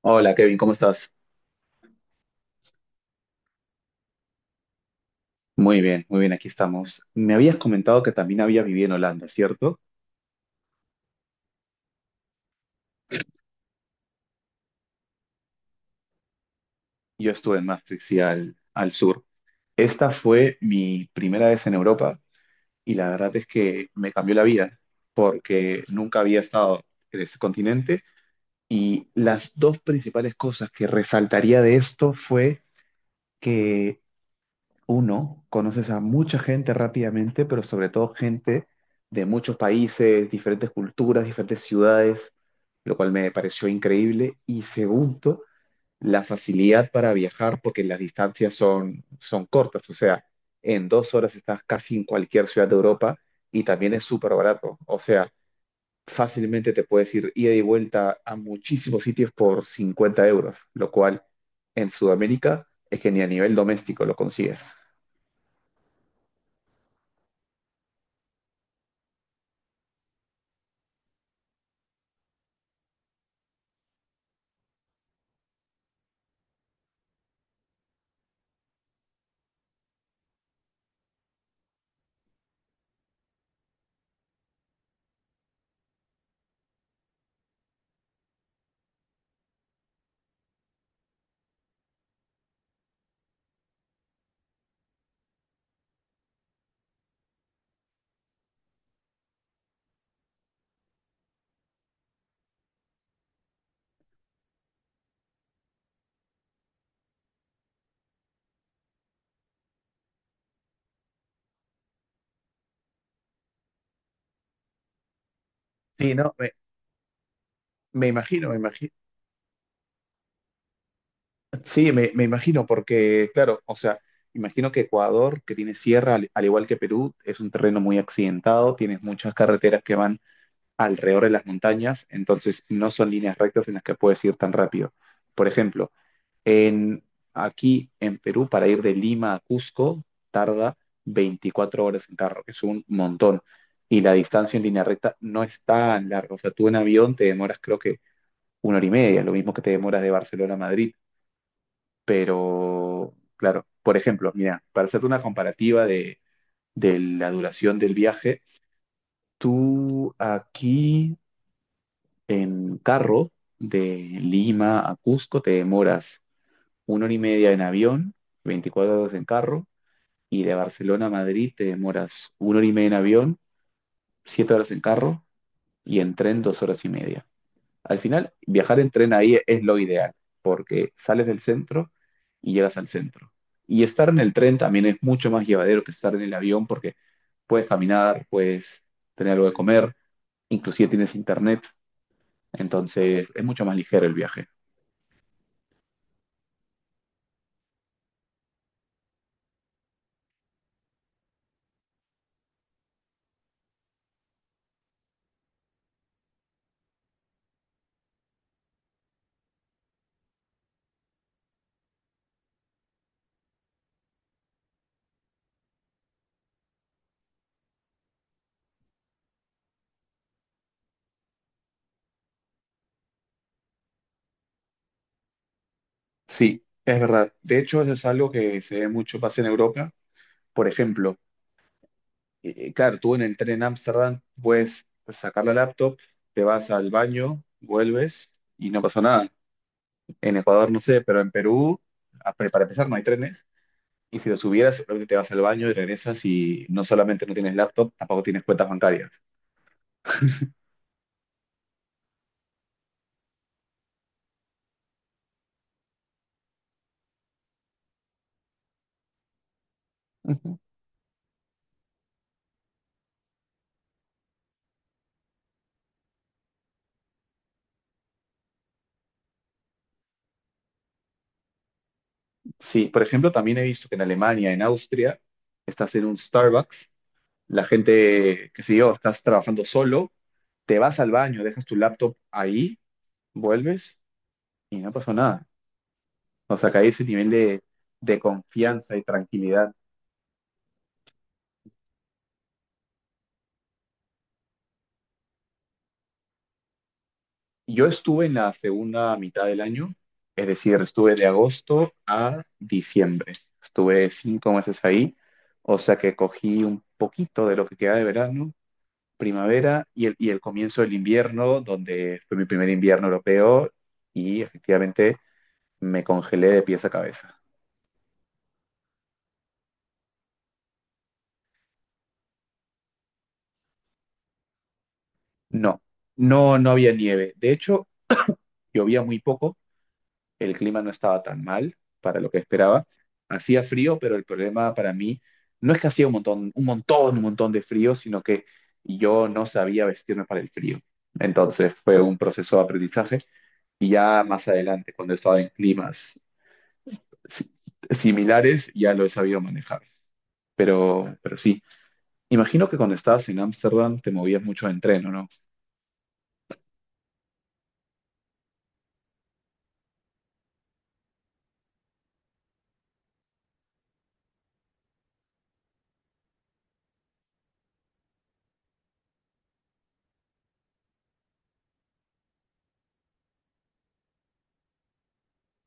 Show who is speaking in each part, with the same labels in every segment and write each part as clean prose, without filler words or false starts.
Speaker 1: Hola Kevin, ¿cómo estás? Muy bien, aquí estamos. Me habías comentado que también había vivido en Holanda, ¿cierto? Yo estuve en Maastricht, sí, al sur. Esta fue mi primera vez en Europa y la verdad es que me cambió la vida porque nunca había estado en ese continente, y las dos principales cosas que resaltaría de esto fue que uno, conoces a mucha gente rápidamente, pero sobre todo gente de muchos países, diferentes culturas, diferentes ciudades, lo cual me pareció increíble. Y segundo, la facilidad para viajar, porque las distancias son cortas, o sea, en 2 horas estás casi en cualquier ciudad de Europa, y también es súper barato, o sea, fácilmente te puedes ir ida y vuelta a muchísimos sitios por 50 euros, lo cual en Sudamérica es que ni a nivel doméstico lo consigues. Sí, no, me imagino, sí, me imagino, porque, claro, o sea, imagino que Ecuador, que tiene sierra, al igual que Perú, es un terreno muy accidentado, tienes muchas carreteras que van alrededor de las montañas, entonces no son líneas rectas en las que puedes ir tan rápido. Por ejemplo, en, aquí en Perú, para ir de Lima a Cusco, tarda 24 horas en carro, que es un montón, y la distancia en línea recta no es tan larga, o sea, tú en avión te demoras creo que 1 hora y media, lo mismo que te demoras de Barcelona a Madrid. Pero, claro, por ejemplo, mira, para hacerte una comparativa de la duración del viaje, tú aquí en carro de Lima a Cusco te demoras 1 hora y media en avión, 24 horas en carro, y de Barcelona a Madrid te demoras 1 hora y media en avión, 7 horas en carro, y en tren 2 horas y media. Al final, viajar en tren ahí es lo ideal, porque sales del centro y llegas al centro. Y estar en el tren también es mucho más llevadero que estar en el avión, porque puedes caminar, puedes tener algo de comer, inclusive tienes internet, entonces es mucho más ligero el viaje. Sí, es verdad. De hecho, eso es algo que se ve mucho pasa en Europa. Por ejemplo, claro, tú en el tren en Ámsterdam puedes sacar la laptop, te vas al baño, vuelves y no pasó nada. En Ecuador no sé, pero en Perú, para empezar, no hay trenes. Y si los hubieras, seguramente te vas al baño y regresas, y no solamente no tienes laptop, tampoco tienes cuentas bancarias. Ujú. Sí, por ejemplo, también he visto que en Alemania, en Austria, estás en un Starbucks, la gente, qué sé yo, estás trabajando solo, te vas al baño, dejas tu laptop ahí, vuelves y no pasó nada. O sea, que hay ese nivel de, confianza y tranquilidad. Yo estuve en la segunda mitad del año, es decir, estuve de agosto a diciembre. Estuve 5 meses ahí, o sea que cogí un poquito de lo que queda de verano, primavera y el comienzo del invierno, donde fue mi primer invierno europeo y efectivamente me congelé de pies a cabeza. No, no, no había nieve. De hecho, llovía muy poco. El clima no estaba tan mal para lo que esperaba. Hacía frío, pero el problema para mí no es que hacía un montón, un montón, un montón de frío, sino que yo no sabía vestirme para el frío. Entonces fue un proceso de aprendizaje, y ya más adelante, cuando he estado en climas si- similares, ya lo he sabido manejar. Pero sí, imagino que cuando estabas en Ámsterdam te movías mucho de tren, ¿o no?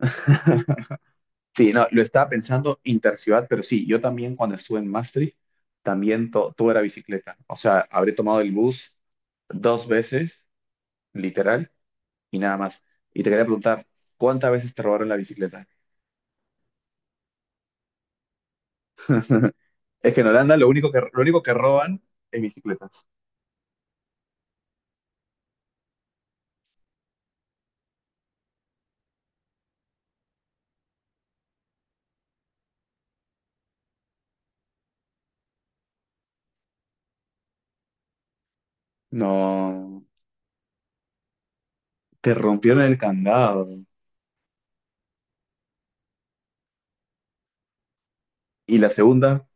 Speaker 1: Sí, no, lo estaba pensando interciudad, pero sí, yo también cuando estuve en Maastricht, también todo era bicicleta. O sea, habré tomado el bus dos veces, literal, y nada más. Y te quería preguntar, ¿cuántas veces te robaron la bicicleta? Es que en Holanda lo único que roban es bicicletas. No, te rompieron el candado. Y la segunda,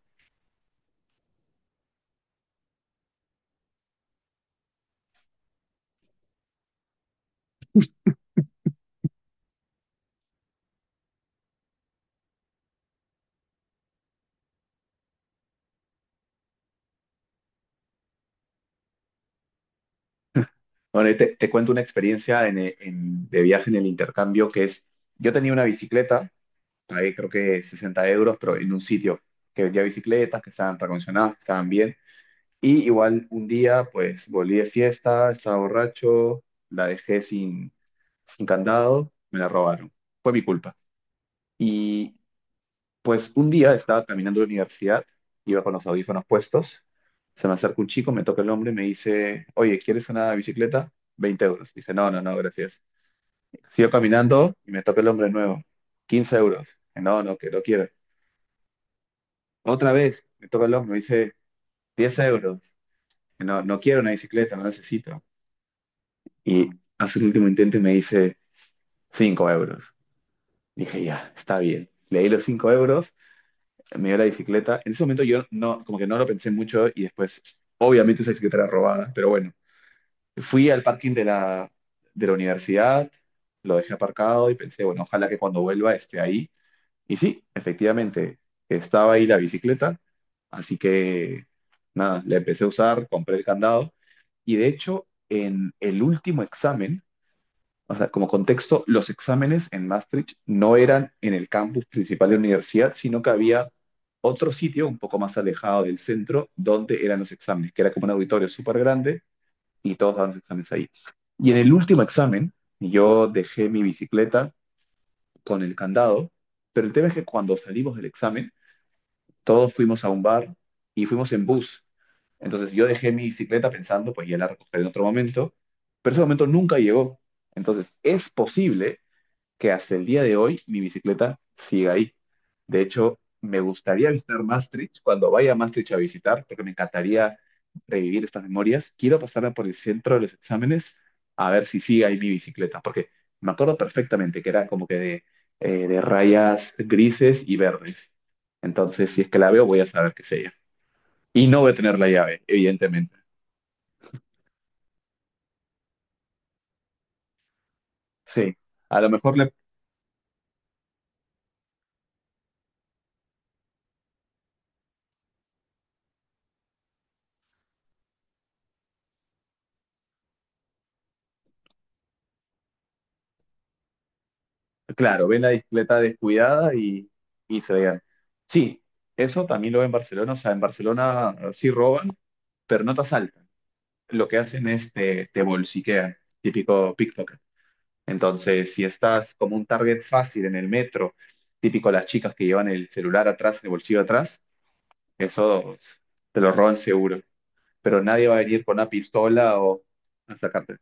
Speaker 1: bueno, te cuento una experiencia de viaje en el intercambio que es, yo tenía una bicicleta, pagué creo que 60 euros, pero en un sitio que vendía bicicletas, que estaban recondicionadas, que estaban bien. Y igual un día, pues volví de fiesta, estaba borracho, la dejé sin candado, me la robaron. Fue mi culpa. Y pues un día estaba caminando a la universidad, iba con los audífonos puestos, se me acerca un chico, me toca el hombro y me dice, oye, ¿quieres una bicicleta? 20 euros. Dije, no, no, no, gracias. Sigo caminando y me toca el hombre de nuevo. 15 euros. Dije, no, no, que no quiero. Otra vez me toca el hombro, me dice 10 euros. No, no quiero una bicicleta, no la necesito. Y hace el último intento y me dice 5 euros. Dije, ya, está bien. Le di los 5 euros, me dio la bicicleta. En ese momento yo no, como que no lo pensé mucho, y después, obviamente esa bicicleta era robada, pero bueno, fui al parking de la universidad, lo dejé aparcado y pensé, bueno, ojalá que cuando vuelva esté ahí. Y sí, efectivamente, estaba ahí la bicicleta, así que nada, la empecé a usar, compré el candado, y de hecho en el último examen, o sea, como contexto, los exámenes en Maastricht no eran en el campus principal de la universidad, sino que había otro sitio un poco más alejado del centro donde eran los exámenes, que era como un auditorio súper grande, y todos daban los exámenes ahí. Y en el último examen, yo dejé mi bicicleta con el candado, pero el tema es que cuando salimos del examen, todos fuimos a un bar y fuimos en bus. Entonces yo dejé mi bicicleta pensando, pues ya la recogeré en otro momento, pero ese momento nunca llegó. Entonces es posible que hasta el día de hoy mi bicicleta sigue ahí. De hecho, me gustaría visitar Maastricht cuando vaya a Maastricht a visitar, porque me encantaría revivir estas memorias. Quiero pasarla por el centro de los exámenes a ver si sigue ahí mi bicicleta, porque me acuerdo perfectamente que era como que de rayas grises y verdes. Entonces, si es que la veo, voy a saber qué es ella. Y no voy a tener la llave, evidentemente. Sí, a lo mejor le. Claro, ven la bicicleta descuidada y, se vean. Sí, eso también lo ven en Barcelona. O sea, en Barcelona sí roban, pero no te asaltan. Lo que hacen es te bolsiquean, típico pickpocket. Entonces, si estás como un target fácil en el metro, típico las chicas que llevan el celular atrás, el bolsillo atrás, eso te lo roban seguro. Pero nadie va a venir con una pistola o a sacarte.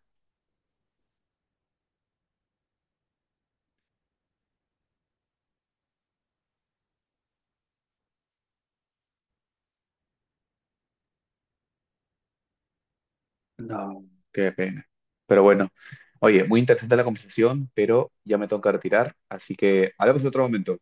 Speaker 1: No, qué pena. Pero bueno, oye, muy interesante la conversación, pero ya me tengo que retirar, así que hablamos en otro momento.